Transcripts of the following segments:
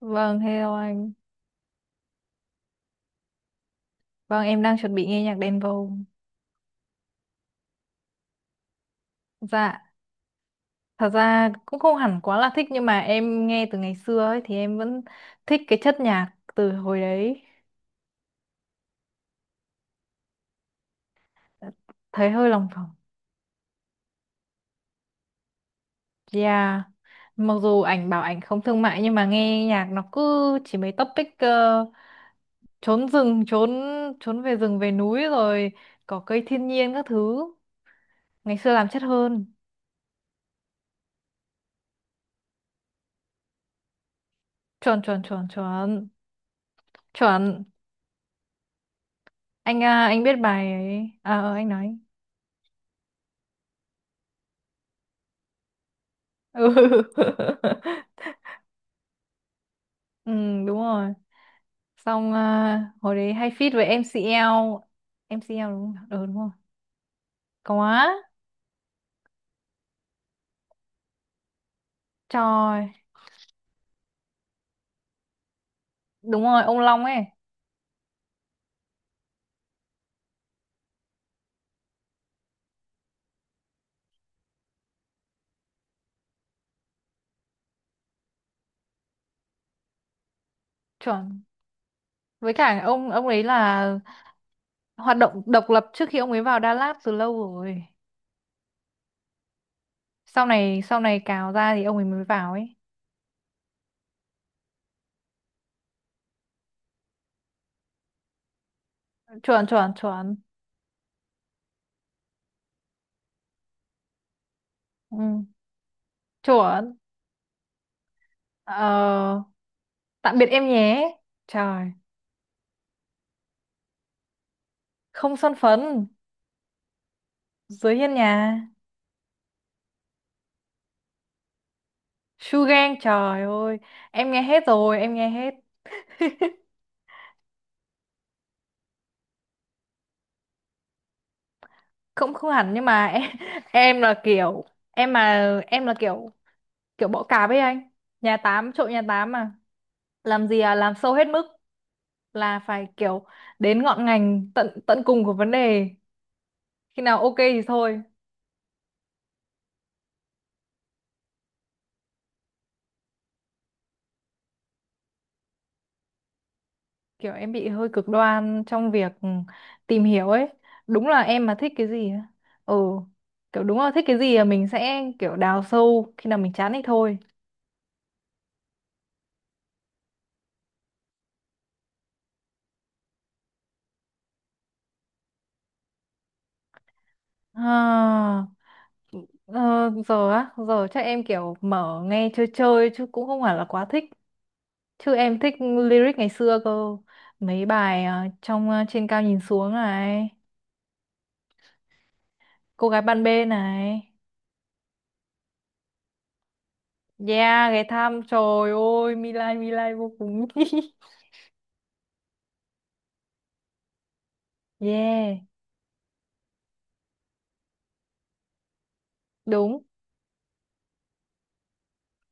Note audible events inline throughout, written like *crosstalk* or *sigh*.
Vâng, hello anh. Vâng, em đang chuẩn bị nghe nhạc đen vô. Dạ, thật ra cũng không hẳn quá là thích nhưng mà em nghe từ ngày xưa ấy thì em vẫn thích cái chất nhạc từ hồi đấy. Thấy hơi lòng vòng. Yeah. Mặc dù ảnh bảo ảnh không thương mại nhưng mà nghe nhạc nó cứ chỉ mấy topic trốn rừng, trốn trốn về rừng về núi rồi cỏ cây thiên nhiên các thứ. Ngày xưa làm chất hơn. Chuẩn chuẩn chuẩn chuẩn. Chuẩn. Anh à, anh biết bài ấy à anh nói ừ. *laughs* Ừ đúng rồi. Xong à, hồi đấy hay feat với MCL MCL đúng không? Ừ, đúng rồi. Có trời, đúng rồi, ông Long ấy. Chuẩn. Với cả ông ấy là hoạt động độc lập trước khi ông ấy vào Đà Lạt từ lâu rồi. Sau này cào ra thì ông ấy mới vào ấy. Chuẩn chuẩn chuẩn. Ừ. Chuẩn. ờ, Tạm biệt em nhé. Trời. Không son phấn, dưới hiên nhà. Sugan trời ơi, em nghe hết rồi, em nghe hết. *laughs* Cũng không hẳn nhưng mà em, *laughs* em là kiểu em mà em là kiểu kiểu bỏ cạp ấy anh. Nhà tám trộn nhà tám mà. Làm gì à, làm sâu hết mức, là phải kiểu đến ngọn ngành tận tận cùng của vấn đề, khi nào ok thì thôi. Kiểu em bị hơi cực đoan trong việc tìm hiểu ấy. Đúng là em mà thích cái gì á, ừ, kiểu đúng là thích cái gì là mình sẽ kiểu đào sâu khi nào mình chán thì thôi. À, ờ, giờ á, giờ chắc em kiểu mở nghe chơi chơi chứ cũng không phải là quá thích. Chứ em thích lyric ngày xưa cơ. Mấy bài trên cao nhìn xuống này, cô gái ban bê này. Yeah, ghé thăm trời ơi, My Lai vô cùng. *laughs* Yeah, đúng.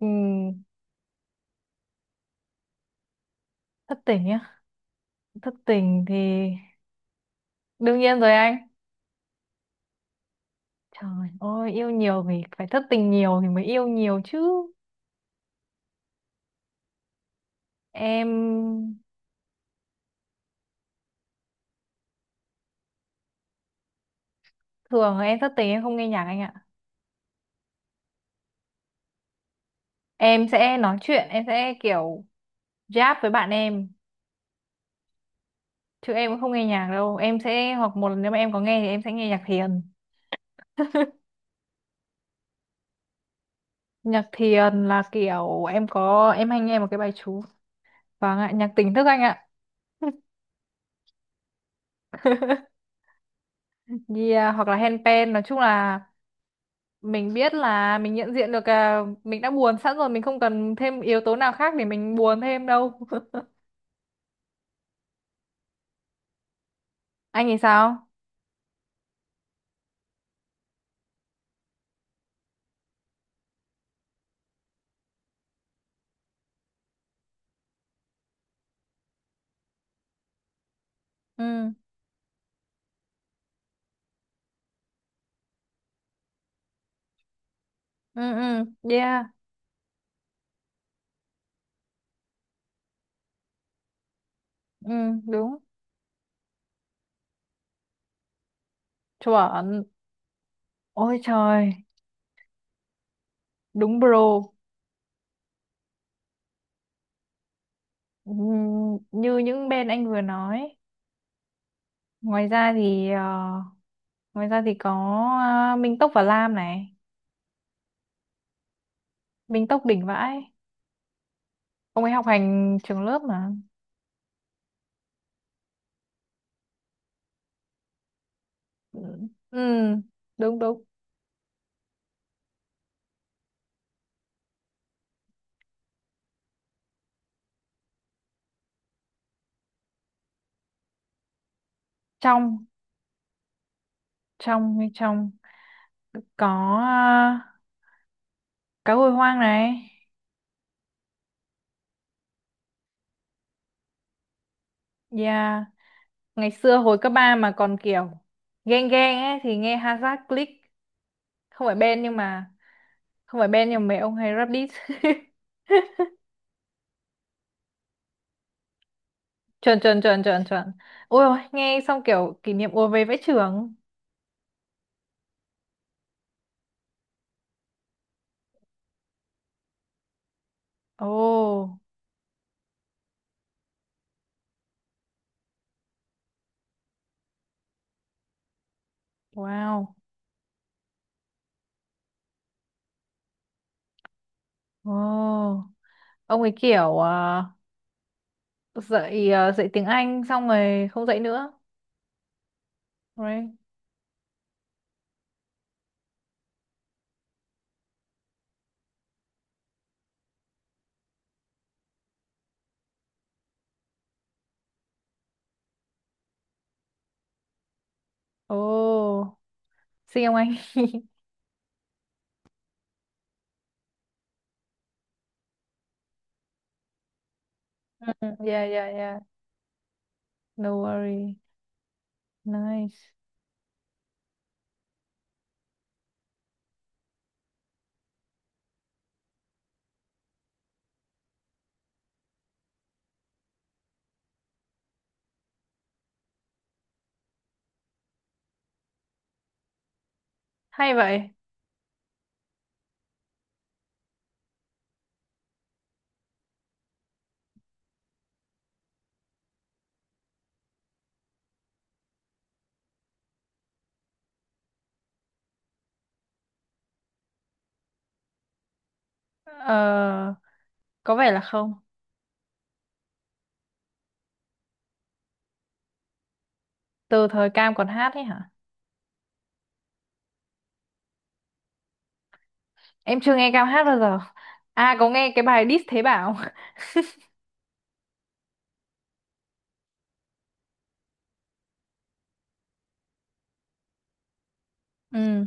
Ừ, thất tình nhá. Thất tình thì đương nhiên rồi anh. Trời ơi, yêu nhiều thì phải thất tình nhiều thì mới yêu nhiều chứ. Em thường em thất tình em không nghe nhạc anh ạ. Em sẽ nói chuyện, em sẽ kiểu giáp với bạn em. Chứ em cũng không nghe nhạc đâu. Em sẽ, hoặc một lần nếu mà em có nghe thì em sẽ nghe nhạc thiền. Nhạc thiền là kiểu em có, em hay nghe một cái bài chú. Vâng ạ, nhạc tỉnh thức anh ạ. *laughs* Yeah, hoặc là handpan. Nói chung là mình biết là mình nhận diện được à, mình đã buồn sẵn rồi. Mình không cần thêm yếu tố nào khác để mình buồn thêm đâu. *laughs* Anh thì sao? Ừ, ừ, ừ, yeah, ừ, đúng. Chuẩn. Ôi trời, đúng bro. Như những bên anh vừa nói. Ngoài ra thì ngoài ra thì có Minh Tốc và Lam này, Minh Tốc đỉnh vãi. Ông ấy học hành trường lớp mà. Ừ, ừ, đúng đúng. Trong, trong hay trong, có ờ, cá hồi hoang này. Yeah, ngày xưa hồi cấp 3 mà còn kiểu ghen ghen ấy thì nghe Hazard Click, không phải Ben nhưng mà không phải Ben nhưng mà mấy ông hay rap diss. *laughs* Chuẩn chuẩn chuẩn chuẩn chuẩn. Ôi ôi, nghe xong kiểu kỷ niệm ùa về vẽ trường. Oh, wow. Oh, ông ấy kiểu à, dạy tiếng Anh xong rồi không dạy nữa. Right. Oh, xin ông anh. *laughs* Ừ, yeah yeah yeah, no worry, nice. Hay vậy. Ờ, có vẻ là không. Từ thời Cam còn hát ấy hả? Em chưa nghe Cam hát bao giờ. À, có nghe cái bài diss thế bảo. *laughs* Ừ,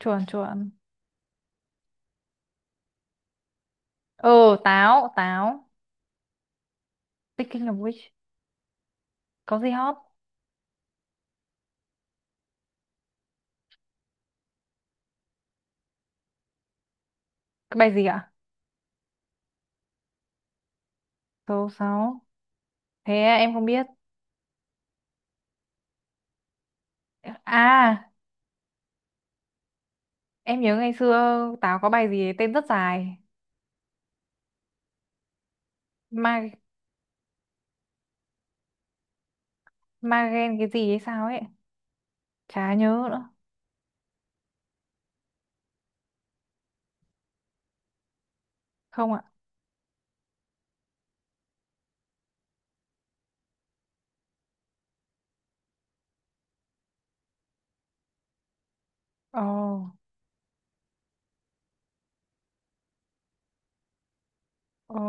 chuẩn chuẩn. Ờ, táo táo. Thinking of which, có gì hot? Cái bài gì ạ? Số sáu? Thế em không biết. À, em nhớ ngày xưa táo có bài gì tên rất dài. Ma magen, cái gì hay sao ấy, chả nhớ nữa. Không ạ. Ồ. Ồ.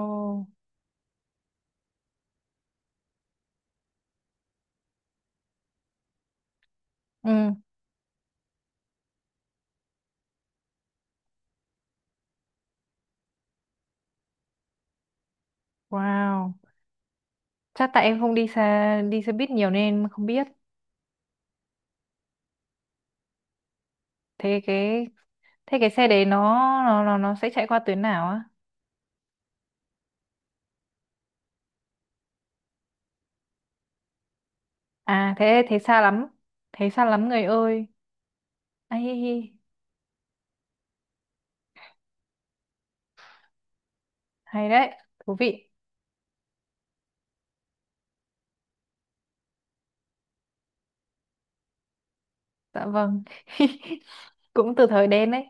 Ừ. Wow. Chắc tại em không đi xe buýt nhiều nên em không biết. Thế cái, thế cái xe đấy nó nó sẽ chạy qua tuyến nào á? À, thế thế xa lắm. Thế xa lắm người ơi. Ai hi hi. Hay đấy. Thú vị. Dạ vâng. *laughs* Cũng từ thời đen đấy.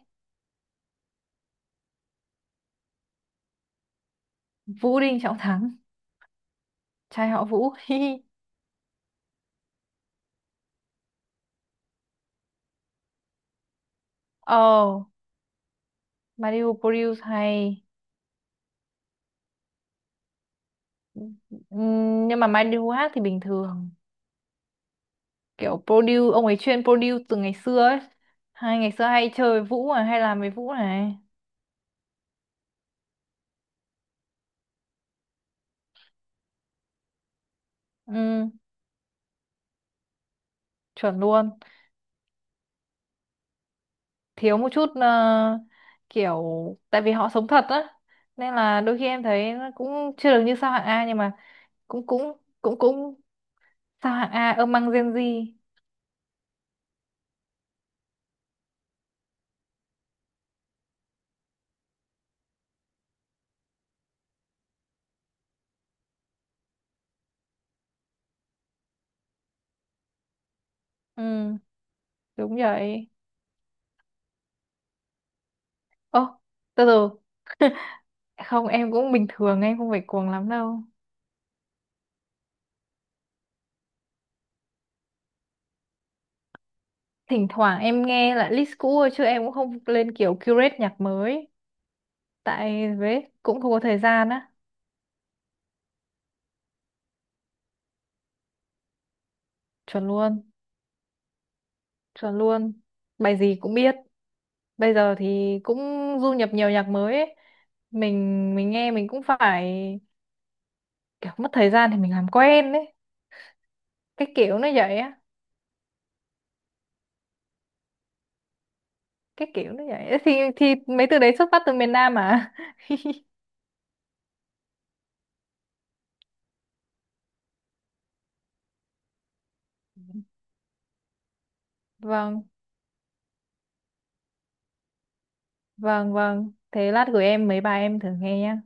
Vũ Đinh Trọng Thắng. Trai họ Vũ. *laughs* Oh, Madhu produce hay. Nhưng mà Madhu hát thì bình thường. Kiểu produce ông ấy chuyên produce từ ngày xưa ấy. Hai ngày xưa hay chơi với Vũ mà hay làm với Vũ này. Ừm, chuẩn luôn. Thiếu một chút kiểu, tại vì họ sống thật á, nên là đôi khi em thấy nó cũng chưa được như sao hạng A nhưng mà cũng cũng cũng cũng. Sao hạng A ông mang Gen Z? Ừ, đúng rồi. Ô, từ từ. Không, em cũng bình thường, em không phải cuồng lắm đâu. Thỉnh thoảng em nghe lại list cũ thôi, chứ em cũng không lên kiểu curate nhạc mới. Tại với cũng không có thời gian á. Chuẩn luôn, chuẩn luôn. Bài gì cũng biết. Bây giờ thì cũng du nhập nhiều nhạc mới ấy. Mình nghe mình cũng phải kiểu mất thời gian thì mình làm quen đấy. Cái kiểu nó vậy á, cái kiểu nó vậy. Thì mấy từ đấy xuất phát từ miền Nam mà. *laughs* Vâng vâng vâng thế lát gửi em mấy bài em thử nghe nhé.